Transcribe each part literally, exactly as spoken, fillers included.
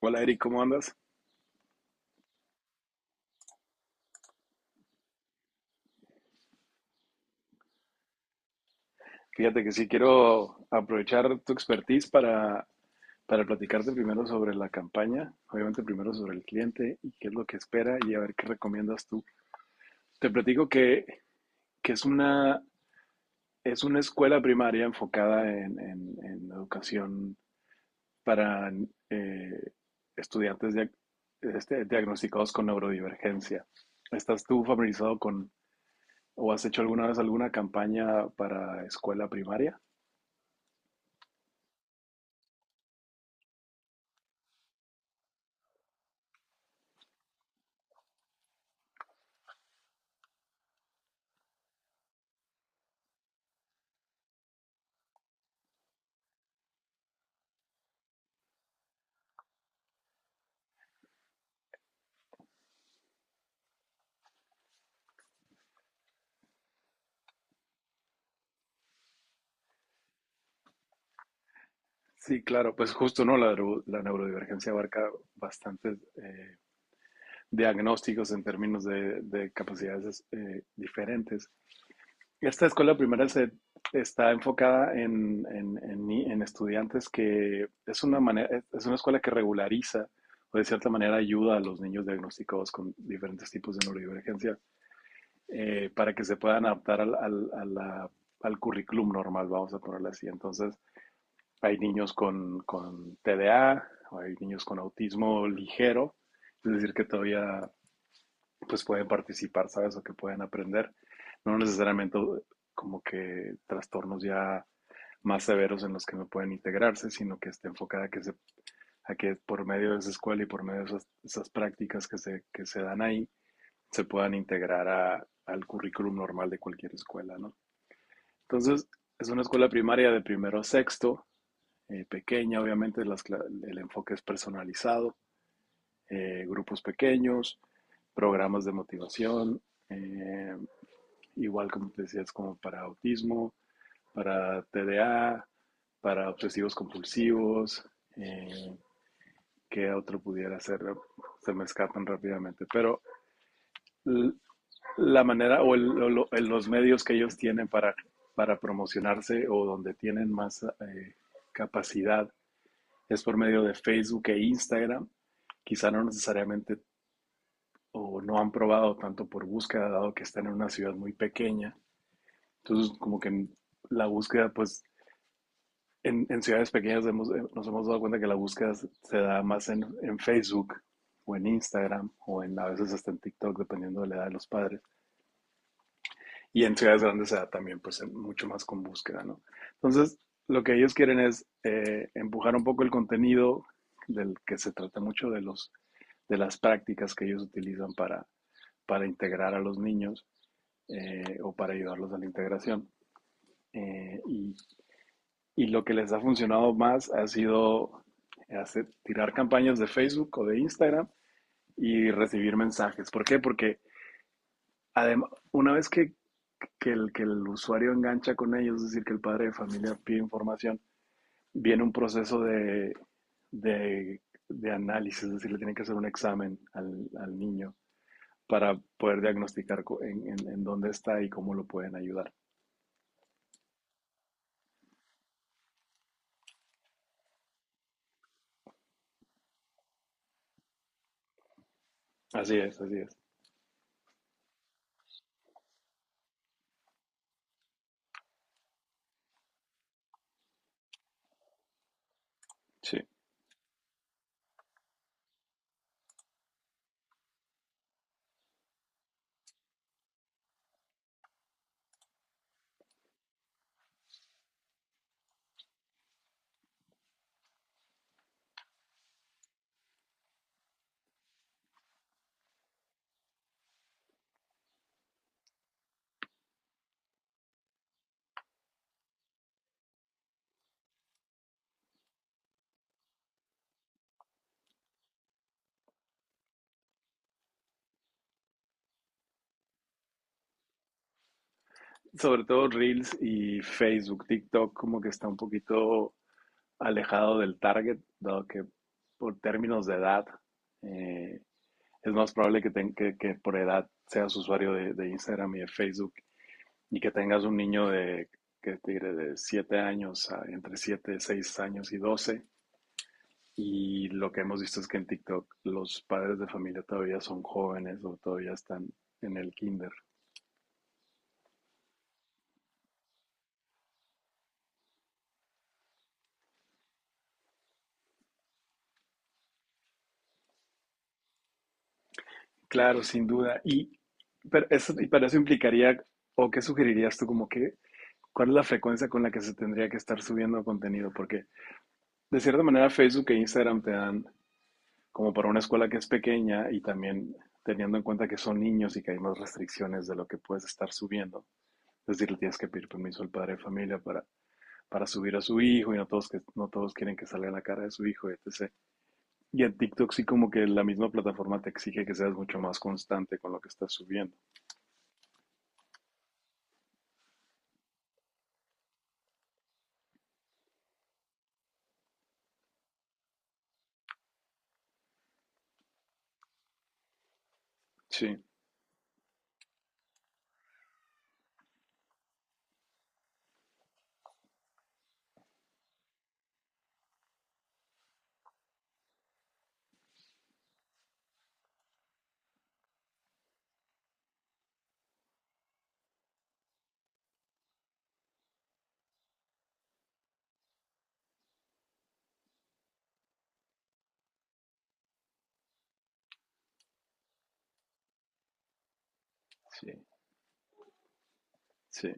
Hola Eric, ¿cómo andas? Fíjate que sí quiero aprovechar tu expertise para, para platicarte primero sobre la campaña, obviamente primero sobre el cliente y qué es lo que espera y a ver qué recomiendas tú. Te platico que, que es una, es una escuela primaria enfocada en, en- en educación para eh, estudiantes dia- este, diagnosticados con neurodivergencia. ¿Estás tú familiarizado con o has hecho alguna vez alguna campaña para escuela primaria? Sí, claro, pues justo, ¿no? La, neuro- la neurodivergencia abarca bastantes eh, diagnósticos en términos de, de capacidades eh, diferentes. Esta escuela primaria se está enfocada en, en- en ni- en estudiantes que es una manera, es una escuela que regulariza o de cierta manera ayuda a los niños diagnosticados con diferentes tipos de neurodivergencia eh, para que se puedan adaptar al, al, a la- al currículum normal, vamos a ponerlo así. Entonces, hay niños con, con T D A, hay niños con autismo ligero, es decir, que todavía pues pueden participar, ¿sabes? O que pueden aprender. No necesariamente como que trastornos ya más severos en los que no pueden integrarse, sino que esté enfocada a que, se, a que por medio de esa escuela y por medio de esas, esas prácticas que se, que se dan ahí, se puedan integrar a, al currículum normal de cualquier escuela, ¿no? Entonces, es una escuela primaria de primero a sexto, eh, pequeña, obviamente las, el enfoque es personalizado, eh, grupos pequeños, programas de motivación, eh, igual como te decías, como para autismo, para T D A, para obsesivos compulsivos, eh, qué otro pudiera hacer, se me escapan rápidamente, pero la manera o, el, o los medios que ellos tienen para, para promocionarse o donde tienen más eh, capacidad es por medio de Facebook e Instagram. Quizá no necesariamente o no han probado tanto por búsqueda, dado que están en una ciudad muy pequeña. Entonces, como que en la búsqueda, pues en, en ciudades pequeñas hemos, eh, nos hemos dado cuenta que la búsqueda se da más en, en Facebook o en Instagram o en, a veces hasta en TikTok, dependiendo de la edad de los padres. Y en ciudades grandes se da también, pues, mucho más con búsqueda, ¿no? Entonces, lo que ellos quieren es eh, empujar un poco el contenido del que se trata mucho de, los, de las prácticas que ellos utilizan para, para integrar a los niños eh, o para ayudarlos a la integración. Eh, y, y, lo que les ha funcionado más ha sido hacer, tirar campañas de Facebook o de Instagram y recibir mensajes. ¿Por qué? Porque además, una vez que que el, que el usuario engancha con ellos, es decir, que el padre de familia pide información, viene un proceso de, de, de análisis, es decir, le tienen que hacer un examen al, al niño para poder diagnosticar en, en, en, dónde está y cómo lo pueden ayudar. Así es, así es. Sí. Sobre todo Reels y Facebook, TikTok como que está un poquito alejado del target, dado que por términos de edad eh, es más probable que, te, que, que, por edad seas usuario de, de Instagram y de Facebook y que tengas un niño de, que te diré, de siete años, a- entre siete seis años y doce. Y lo que hemos visto es que en TikTok los padres de familia todavía son jóvenes o todavía están en el kinder. Claro, sin duda. Y, pero eso, y para eso implicaría, o qué sugerirías tú, como que, ¿cuál es la frecuencia con la que se tendría que estar subiendo contenido? Porque de cierta manera Facebook e Instagram te dan como para una escuela que es pequeña y también teniendo en cuenta que son niños y que hay más restricciones de lo que puedes estar subiendo. Es decir, le tienes que pedir permiso al padre de familia para, para subir a su hijo y no todos, que, no todos quieren que salga la cara de su hijo, etcétera. Y en TikTok sí como que la misma plataforma te exige que seas mucho más constante con lo que estás subiendo. Sí, sí, sí,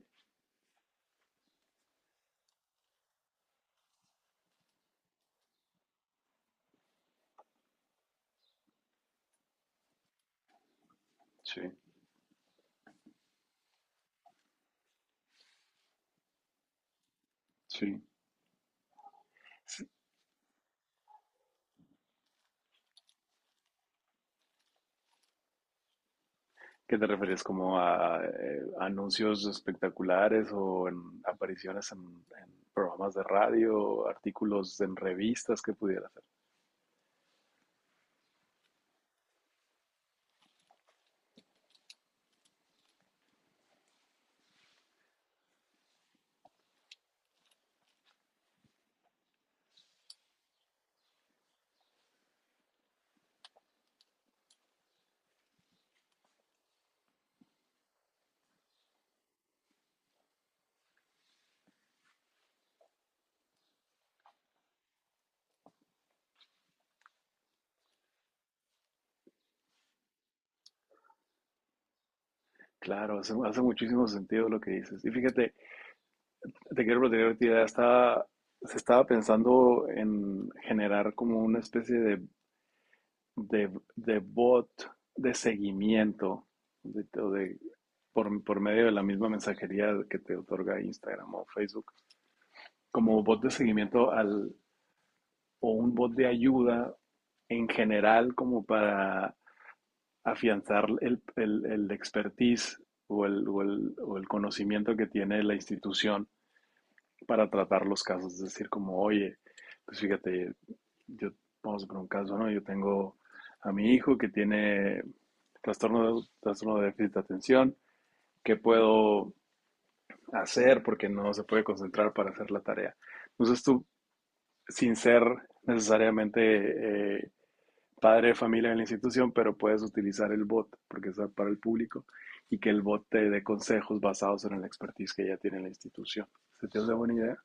sí, sí. ¿Qué te refieres? ¿Como a eh, anuncios espectaculares o en apariciones en, en programas de radio, artículos en revistas que pudiera hacer? Claro, hace, hace muchísimo sentido lo que dices. Y fíjate, te quiero plantear ahorita, ya estaba- se estaba pensando en generar como una especie de, de, de bot de seguimiento de, o de- por, por medio de la misma mensajería que te otorga Instagram o Facebook, como bot de seguimiento al, o un bot de ayuda en general como para afianzar el, el, el expertise o el, o, el, o el conocimiento que tiene la institución para tratar los casos. Es decir, como, oye, pues fíjate, yo, vamos a poner un caso, ¿no? Yo tengo a mi hijo que tiene trastorno de, trastorno de déficit de atención, ¿qué puedo hacer porque no se puede concentrar para hacer la tarea? Entonces tú, sin ser necesariamente eh, padre de familia de la institución, pero puedes utilizar el bot porque es para el público y que el bot te dé consejos basados en la expertise que ya tiene la institución. ¿Se te hace buena idea?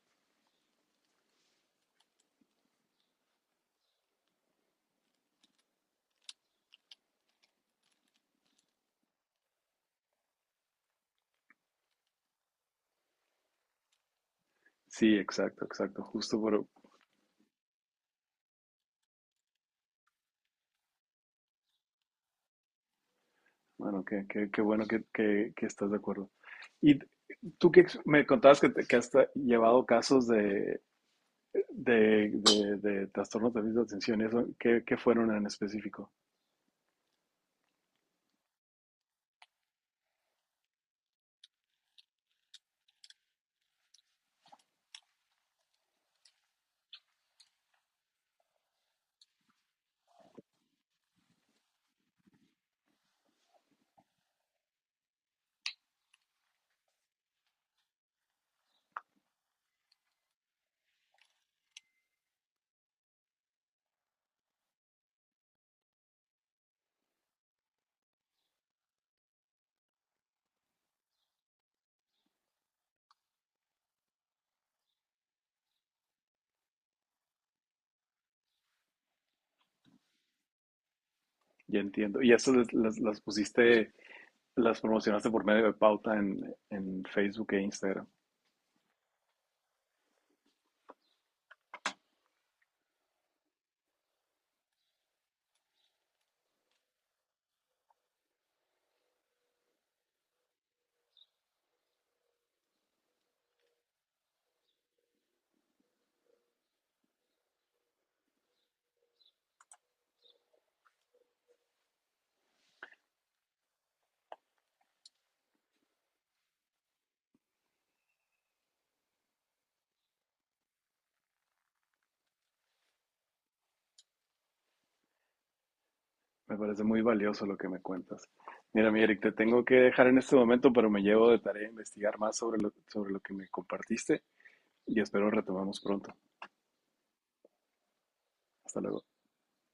Sí, exacto, exacto. Justo por, bueno, qué, qué, qué bueno que, que, que estás de acuerdo. Y tú que ex- me contabas que, te- que has tra- llevado casos de, de, de, de trastornos de déficit de atención, y eso, ¿qué, ¿qué fueron en específico? Ya entiendo. ¿Y estas las, las pusiste, las promocionaste por medio de pauta en, en Facebook e Instagram? Me parece muy valioso lo que me cuentas. Mira, mi Eric, te tengo que dejar en este momento, pero me llevo de tarea investigar más sobre lo, sobre lo que me compartiste y espero retomamos pronto. Hasta luego.